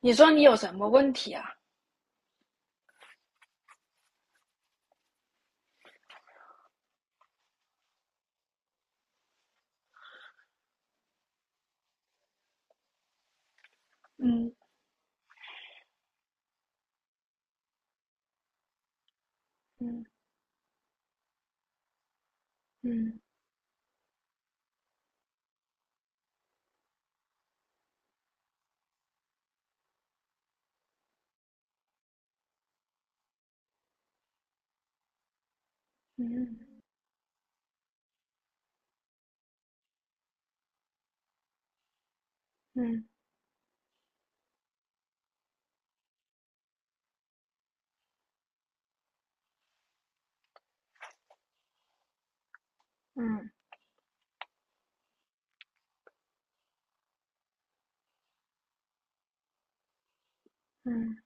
你说你有什么问题啊？嗯嗯嗯嗯嗯嗯嗯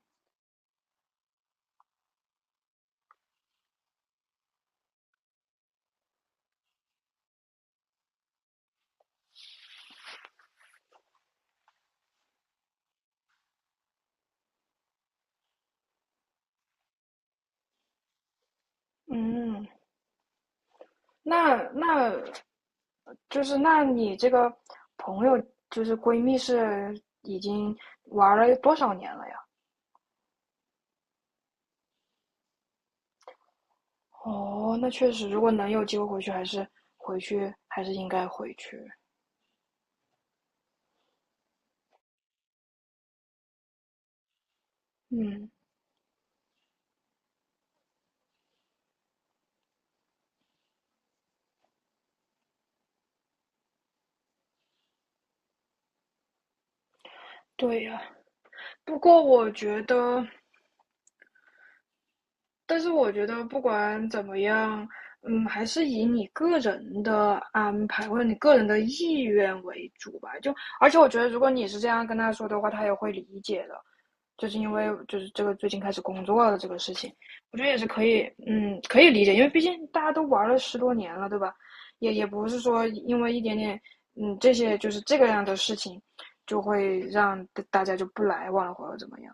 嗯，那那就是那你这个朋友，就是闺蜜，是已经玩了多少年了呀？哦，那确实，如果能有机会回去，还是回去，还是应该回去。嗯，对呀。不过我觉得，但是我觉得不管怎么样，嗯，还是以你个人的安排或者你个人的意愿为主吧。而且我觉得，如果你是这样跟他说的话，他也会理解的。就是因为就是这个最近开始工作了这个事情，我觉得也是可以，嗯，可以理解，因为毕竟大家都玩了10多年了，对吧？也也不是说因为一点点，嗯，这些就是这个样的事情，就会让大家就不来往了或者怎么样。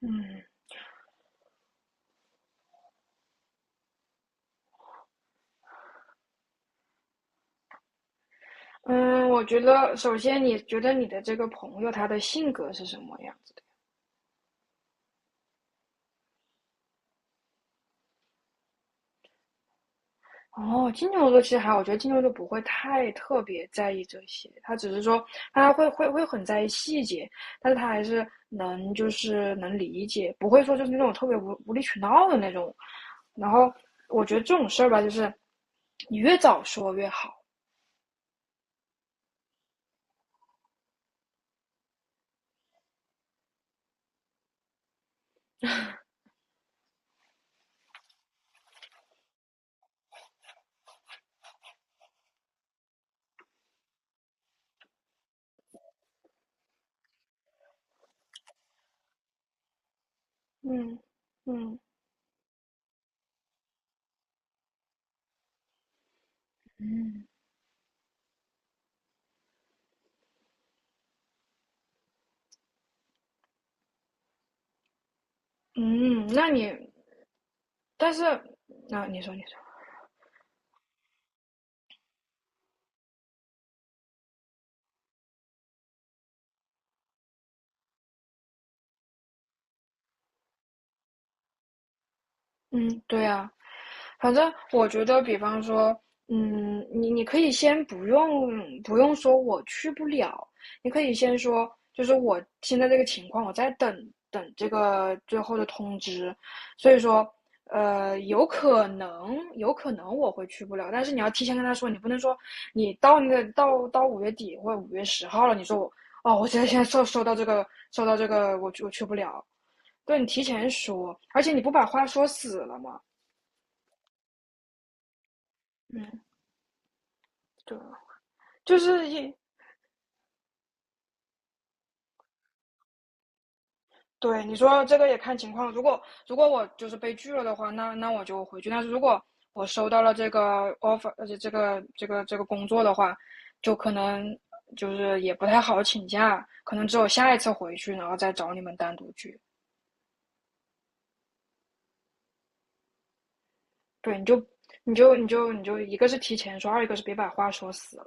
嗯，嗯，我觉得首先你觉得你的这个朋友他的性格是什么样子的？哦，金牛座其实还好，我觉得金牛座不会太特别在意这些，他只是说他会很在意细节，但是他还是能就是能理解，不会说就是那种特别无理取闹的那种。然后我觉得这种事儿吧，就是你越早说越好。嗯嗯嗯，那你但是那你说你说，嗯，对呀、反正我觉得，比方说，嗯，你可以先不用说我去不了，你可以先说，就是我现在这个情况，我在等这个最后的通知，所以说，呃，有可能我会去不了，但是你要提前跟他说，你不能说你到那个到5月底或5月10号了，你说我哦，我现在收到这个我去我去不了，对你提前说，而且你不把话说死了吗？嗯，对。就是一对你说这个也看情况，如果如果我就是被拒了的话，那那我就回去。但是如果我收到了这个 offer,而且这个工作的话，就可能就是也不太好请假，可能只有下一次回去，然后再找你们单独聚。对，你就一个是提前说，二一个是别把话说死了。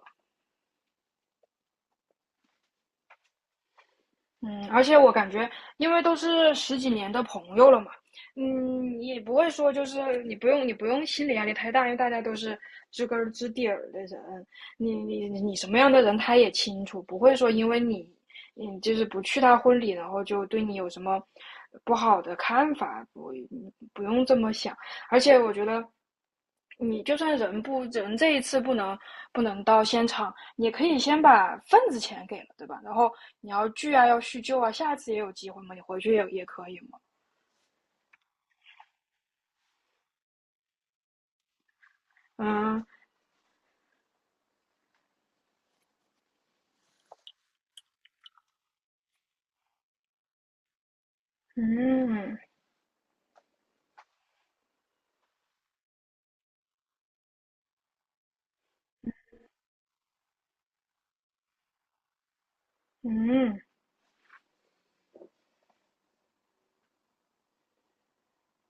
嗯，而且我感觉，因为都是10几年的朋友了嘛，嗯，也不会说就是你不用心理压力太大，因为大家都是知根儿知底儿的人，你什么样的人他也清楚，不会说因为你就是不去他婚礼，然后就对你有什么不好的看法，不用这么想。而且我觉得，你就算人不人这一次不能到现场，也可以先把份子钱给了，对吧？然后你要聚啊，要叙旧啊，下次也有机会嘛，你回去也也可以嘛。嗯嗯嗯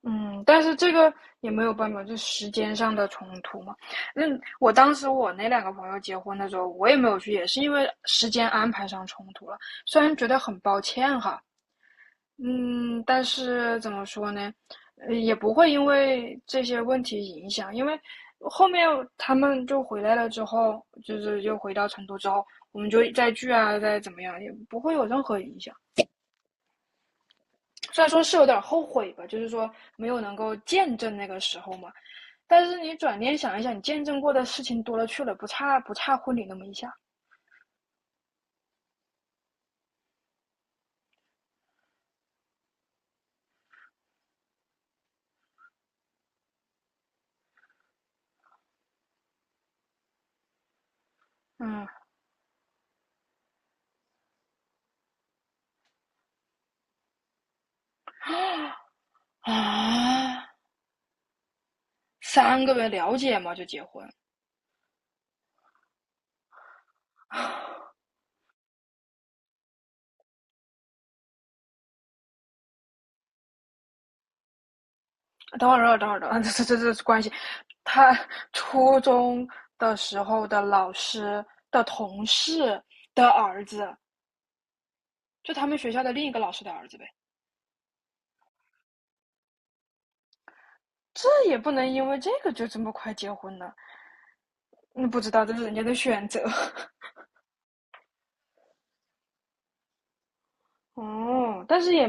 嗯，但是这个也没有办法，就时间上的冲突嘛。那我当时我那2个朋友结婚的时候，我也没有去，也是因为时间安排上冲突了。虽然觉得很抱歉哈，嗯，但是怎么说呢，也不会因为这些问题影响，因为后面他们就回来了之后，就是又回到成都之后，我们就再聚啊，再怎么样，也不会有任何影响。虽然说是有点后悔吧，就是说没有能够见证那个时候嘛，但是你转念想一想，你见证过的事情多了去了，不差婚礼那么一下。嗯啊，三个月了解嘛就结婚，等会儿，这关系。他初中的时候的老师的同事的儿子，就他们学校的另一个老师的儿子呗。这也不能因为这个就这么快结婚呢？那不知道，这是人家的选择。哦，但是也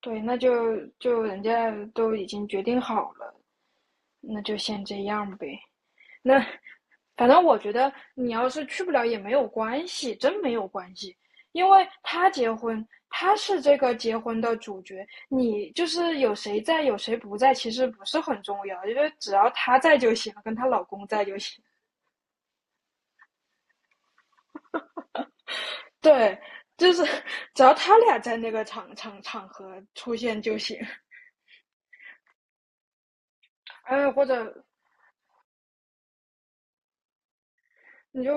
对，那就人家都已经决定好了，那就先这样呗。那反正我觉得你要是去不了也没有关系，真没有关系，因为他结婚，他是这个结婚的主角，你就是有谁在有谁不在，其实不是很重要，因为只要她在就行，跟她老公在就行。对，就是 只要他俩在那个场合出现就行。哎，或者你就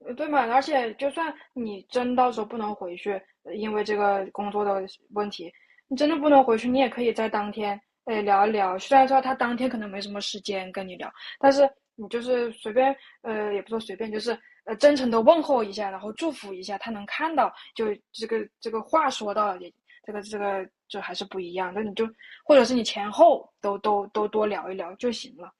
对嘛？而且就算你真到时候不能回去，因为这个工作的问题，你真的不能回去，你也可以在当天哎聊一聊。虽然说他当天可能没什么时间跟你聊，但是你就是随便呃，也不说随便，就是呃真诚的问候一下，然后祝福一下，他能看到，就话说到也。就还是不一样，那你就或者是你前后都多聊一聊就行了。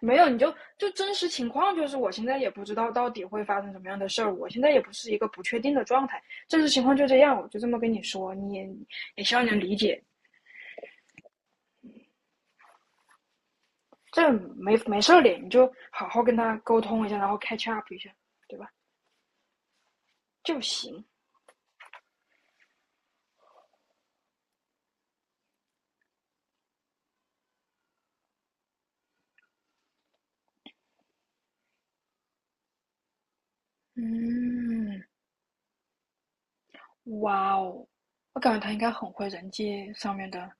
没有，你就就真实情况就是，我现在也不知道到底会发生什么样的事儿，我现在也不是一个不确定的状态，真实情况就这样，我就这么跟你说，也希望你能理解，这没事儿的，你就好好跟他沟通一下，然后 catch up 一下，对吧？就行。嗯，哇哦，我感觉他应该很会人际上面的，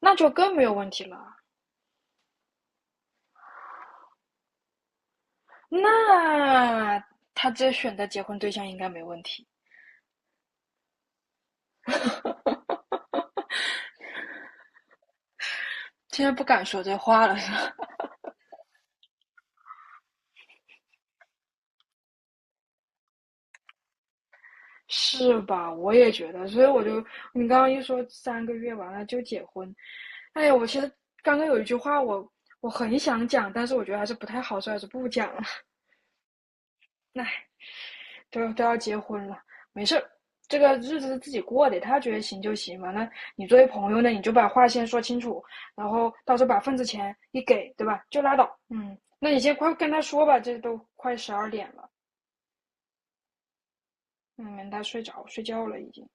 那就更没有问题了。那他这选择结婚对象应该没问题，现在不敢说这话了。是吧？我也觉得，所以我就你刚刚一说三个月完了就结婚，哎呀，我其实刚刚有一句话我很想讲，但是我觉得还是不太好，说，还是不讲了。哎，都要结婚了，没事儿，这个日子是自己过的，他觉得行就行嘛。那你作为朋友呢，你就把话先说清楚，然后到时候把份子钱一给，对吧？就拉倒。嗯，那你先快跟他说吧，这都快12点了，嗯，他睡觉了已经。